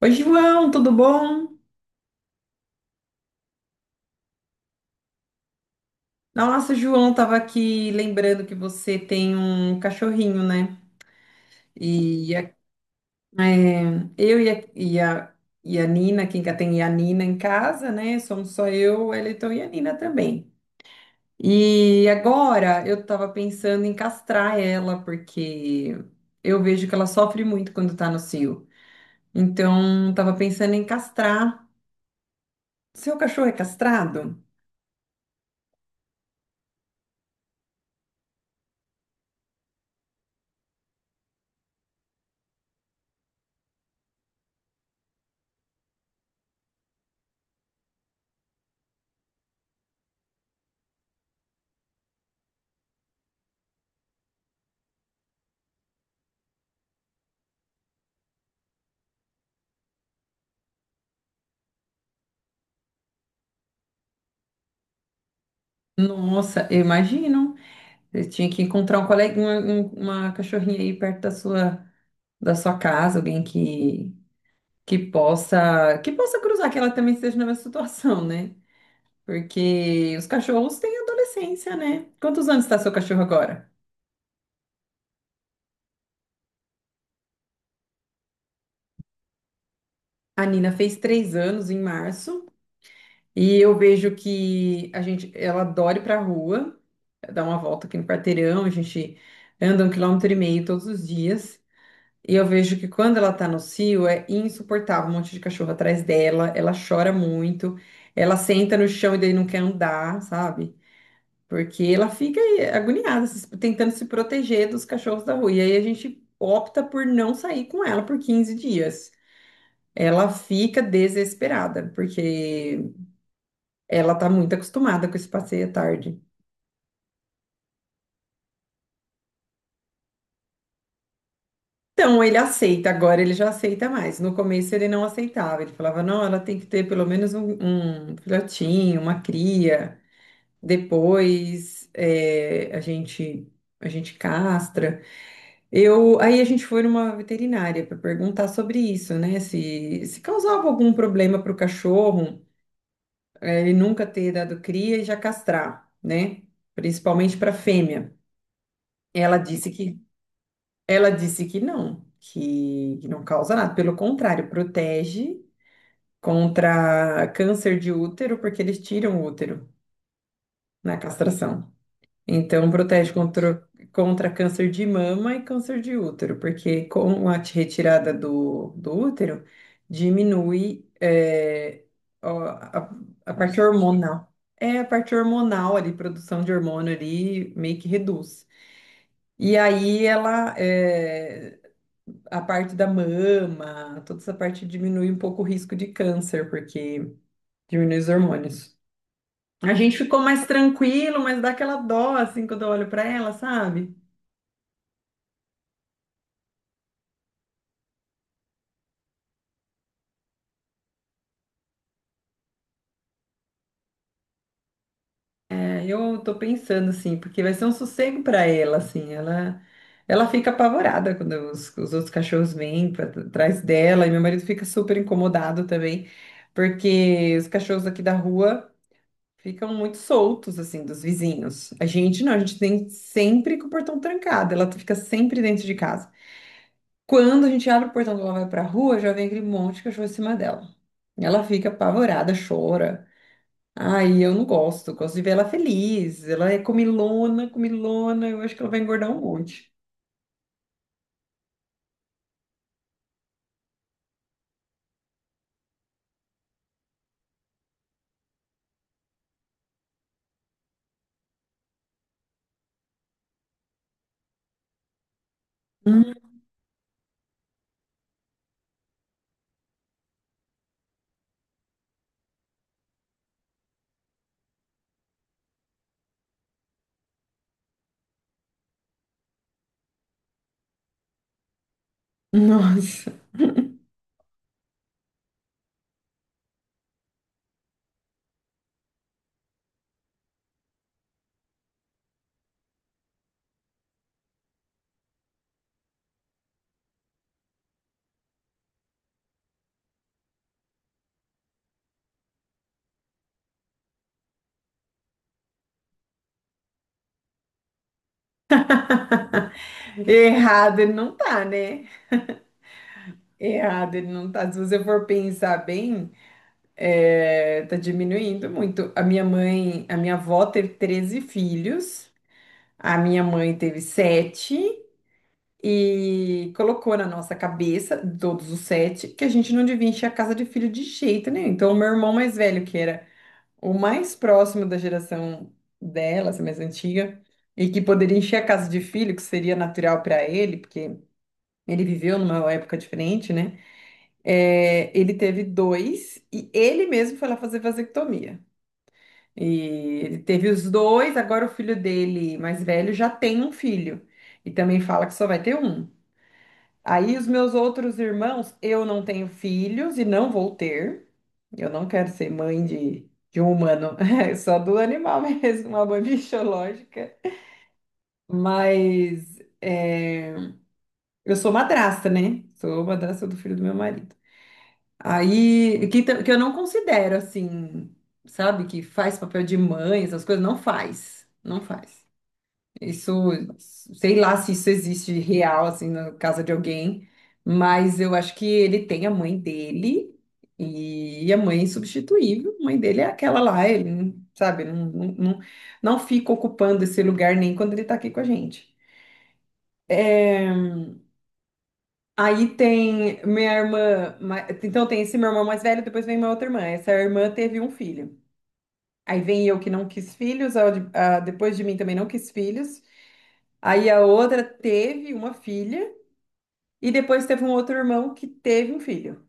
Oi, João, tudo bom? Nossa, João, tava aqui lembrando que você tem um cachorrinho, né? E a- é, eu e a, e a, e a Nina, quem que tem a Nina em casa, né? Somos só eu, o Eliton e a Nina também. E agora eu tava pensando em castrar ela, porque eu vejo que ela sofre muito quando tá no cio. Então, tava pensando em castrar. Seu cachorro é castrado? Nossa, eu imagino. Você tinha que encontrar um colega, uma cachorrinha aí perto da sua casa, alguém que possa cruzar, que ela também esteja na mesma situação, né? Porque os cachorros têm adolescência, né? Quantos anos está seu cachorro agora? A Nina fez 3 anos em março e eu vejo que a gente, ela adora ir pra rua, dar uma volta aqui no quarteirão, a gente anda 1,5 km todos os dias. E eu vejo que quando ela tá no cio é insuportável, um monte de cachorro atrás dela, ela chora muito, ela senta no chão e daí não quer andar, sabe? Porque ela fica aí agoniada, tentando se proteger dos cachorros da rua. E aí a gente opta por não sair com ela por 15 dias. Ela fica desesperada, porque ela tá muito acostumada com esse passeio à tarde. Então, ele aceita, agora ele já aceita mais. No começo ele não aceitava, ele falava, não, ela tem que ter pelo menos um filhotinho, uma cria, depois a gente castra. Aí a gente foi numa veterinária para perguntar sobre isso, né? Se causava algum problema para o cachorro, ele nunca ter dado cria e já castrar, né? Principalmente para fêmea. Ela disse que Ela disse que não, que não causa nada. Pelo contrário, protege contra câncer de útero, porque eles tiram o útero na castração. Então, protege contra, contra câncer de mama e câncer de útero, porque com a retirada do útero, diminui ó, a, a parte hormonal. É a parte hormonal ali, produção de hormônio ali, meio que reduz. E aí ela, é, a parte da mama, toda essa parte diminui um pouco o risco de câncer, porque diminui os hormônios. A gente ficou mais tranquilo, mas dá aquela dó, assim, quando eu olho pra ela, sabe? É, eu tô pensando, assim, porque vai ser um sossego pra ela, assim, ela... Ela fica apavorada quando os outros cachorros vêm pra, atrás dela, e meu marido fica super incomodado também, porque os cachorros aqui da rua ficam muito soltos, assim, dos vizinhos. A gente não, a gente tem sempre com o portão trancado, ela fica sempre dentro de casa. Quando a gente abre o portão que ela vai pra rua, já vem aquele monte de cachorro em cima dela. Ela fica apavorada, chora. Ai, eu não gosto, eu gosto de ver ela feliz. Ela é comilona, comilona, eu acho que ela vai engordar um monte. Hum, Nossa, errado ele não tá, né? Errado ele não tá. Se você for pensar bem. É, tá diminuindo muito. A minha mãe, a minha avó teve 13 filhos, a minha mãe teve sete e colocou na nossa cabeça, todos os sete, que a gente não devia encher a casa de filho de jeito nenhum. Então, o meu irmão mais velho, que era o mais próximo da geração dela, essa mais antiga, e que poderia encher a casa de filho, que seria natural para ele, porque ele viveu numa época diferente, né? É, ele teve dois e ele mesmo foi lá fazer vasectomia. E ele teve os dois, agora o filho dele mais velho já tem um filho. E também fala que só vai ter um. Aí os meus outros irmãos, eu não tenho filhos e não vou ter. Eu não quero ser mãe de um humano, só do animal mesmo, uma mãe biológica. Mas é, eu sou madrasta, né? Sou madrasta do filho do meu marido. Que eu não considero assim, sabe, que faz papel de mãe, essas coisas, não faz. Não faz. Isso, sei lá se isso existe real, assim, na casa de alguém, mas eu acho que ele tem a mãe dele e a mãe é insubstituível. A mãe dele é aquela lá, ele, não- sabe, não, não, não, não fica ocupando esse lugar nem quando ele tá aqui com a gente. É, aí tem minha irmã, então tem esse meu irmão mais velho, depois vem minha outra irmã. Essa irmã teve um filho. Aí vem eu que não quis filhos, a depois de mim também não quis filhos. Aí a outra teve uma filha. E depois teve um outro irmão que teve um filho.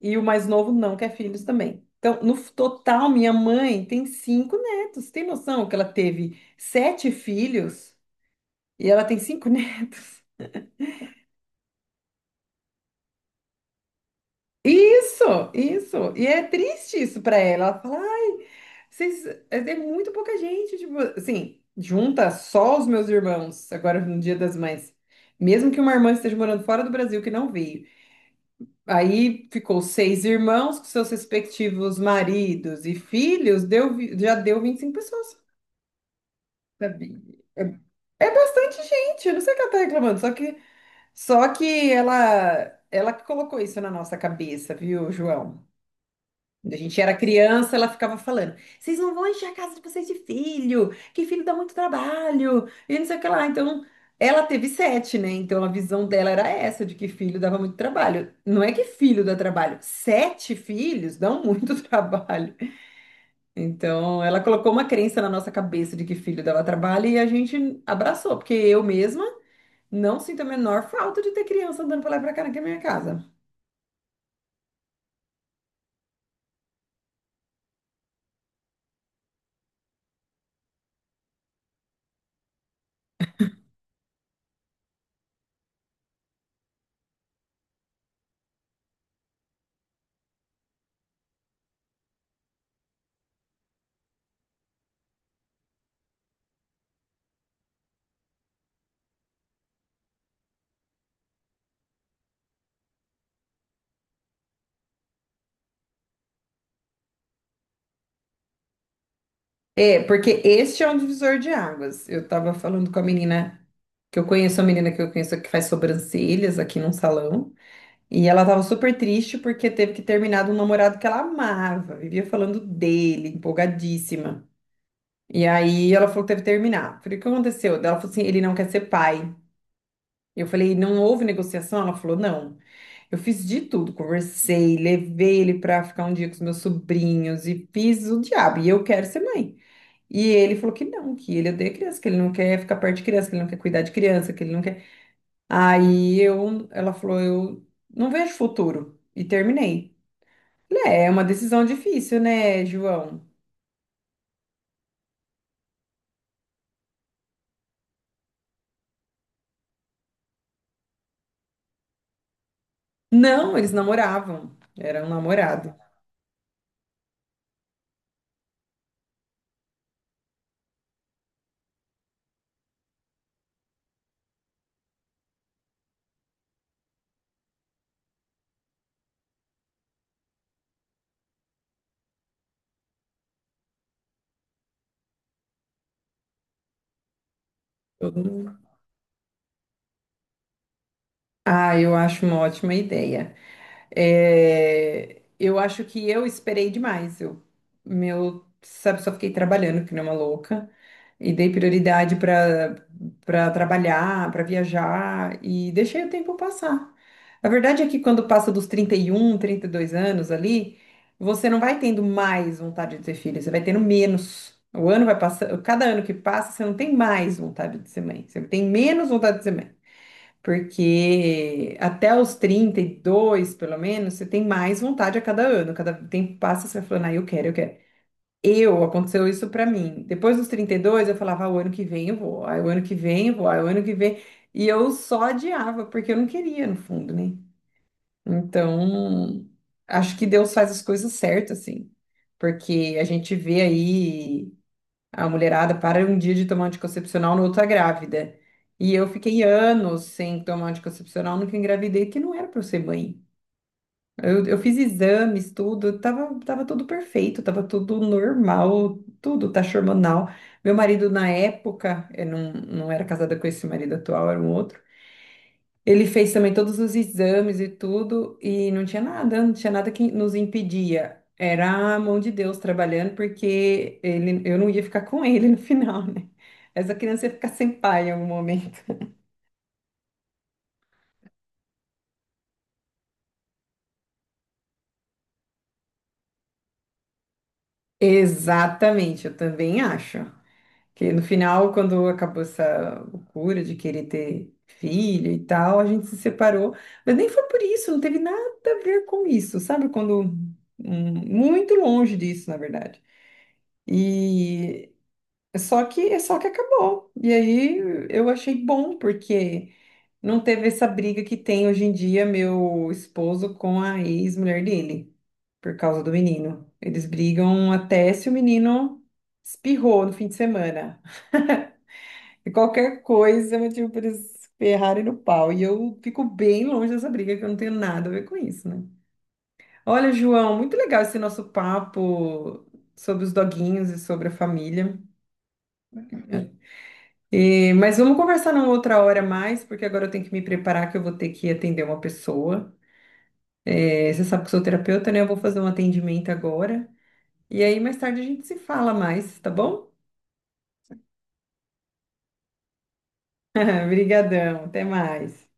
E o mais novo não quer filhos também. Então, no total, minha mãe tem cinco netos. Tem noção que ela teve sete filhos e ela tem cinco netos? Isso, isso. E é triste isso pra ela. Ela fala, ai, vocês, é muito pouca gente. Tipo, assim, junta só os meus irmãos agora no Dia das Mães. Mesmo que uma irmã esteja morando fora do Brasil que não veio. Aí ficou seis irmãos com seus respectivos maridos e filhos, já deu 25 pessoas. Sabe? É, é bastante gente, eu não sei o que ela tá reclamando, ela que colocou isso na nossa cabeça, viu, João? Quando a gente era criança, ela ficava falando: vocês não vão encher a casa de vocês de filho, que filho dá muito trabalho, e não sei o que lá. Então, ela teve sete, né? Então, a visão dela era essa, de que filho dava muito trabalho. Não é que filho dá trabalho, sete filhos dão muito trabalho. Então, ela colocou uma crença na nossa cabeça de que filho dava trabalho e a gente abraçou, porque eu mesma não sinto a menor falta de ter criança andando pra lá e pra cá na minha casa. É, porque este é um divisor de águas. Eu tava falando com a menina que eu conheço, a menina que eu conheço que faz sobrancelhas aqui num salão, e ela tava super triste porque teve que terminar de um namorado que ela amava, vivia falando dele, empolgadíssima. E aí ela falou que teve que terminar. Falei, o que aconteceu? Daí ela falou assim, ele não quer ser pai. Eu falei, não houve negociação? Ela falou, não. Eu fiz de tudo, conversei, levei ele pra ficar um dia com os meus sobrinhos e fiz o diabo, e eu quero ser mãe. E ele falou que não, que ele odeia criança, que ele não quer ficar perto de criança, que ele não quer cuidar de criança, que ele não quer. Ela falou, eu não vejo futuro. E terminei. Falei, é, é uma decisão difícil, né, João? Não, eles namoravam. Era um namorado. Eu não- Ah, eu acho uma ótima ideia. É, eu acho que eu esperei demais. Sabe, só fiquei trabalhando que nem uma louca e dei prioridade para trabalhar, para viajar e deixei o tempo passar. A verdade é que quando passa dos 30 e um, 32 anos ali, você não vai tendo mais vontade de ter filho, você vai tendo menos. O ano vai passando, cada ano que passa, você não tem mais vontade de ser mãe, você tem menos vontade de ser mãe. Porque até os 32 pelo menos, você tem mais vontade a cada ano. Cada tempo que passa, você vai falando, ah, eu quero, eu quero. Eu, aconteceu isso pra mim. Depois dos 32 eu falava, ah, o ano que vem eu vou, ah, o ano que vem eu vou, ah, o ano que vem. E eu só adiava, porque eu não queria, no fundo, né? Então, acho que Deus faz as coisas certas, assim. Porque a gente vê aí. A mulherada para um dia de tomar anticoncepcional, no outro tá grávida. E eu fiquei anos sem tomar anticoncepcional, nunca engravidei, que não era para eu ser mãe. Eu fiz exames, tudo, tava tudo perfeito, tava tudo normal, tudo taxa hormonal. Meu marido, na época, eu não, não era casada com esse marido atual, era um outro. Ele fez também todos os exames e tudo, e não tinha nada, não tinha nada que nos impedia. Era a mão de Deus trabalhando, porque ele, eu não ia ficar com ele no final, né? Essa criança ia ficar sem pai em algum momento. Exatamente, eu também acho. Que no final, quando acabou essa loucura de querer ter filho e tal, a gente se separou. Mas nem foi por isso, não teve nada a ver com isso, sabe? Quando. Muito longe disso, na verdade. E só que acabou. E aí eu achei bom, porque não teve essa briga que tem hoje em dia meu esposo com a ex-mulher dele, por causa do menino. Eles brigam até se o menino espirrou no fim de semana. E qualquer coisa é motivo para eles ferrarem no pau. E eu fico bem longe dessa briga, que eu não tenho nada a ver com isso, né? Olha, João, muito legal esse nosso papo sobre os doguinhos e sobre a família. Mas vamos conversar numa outra hora mais, porque agora eu tenho que me preparar que eu vou ter que atender uma pessoa. É, você sabe que eu sou terapeuta, né? Eu vou fazer um atendimento agora. E aí mais tarde a gente se fala mais, tá bom? Obrigadão, até mais.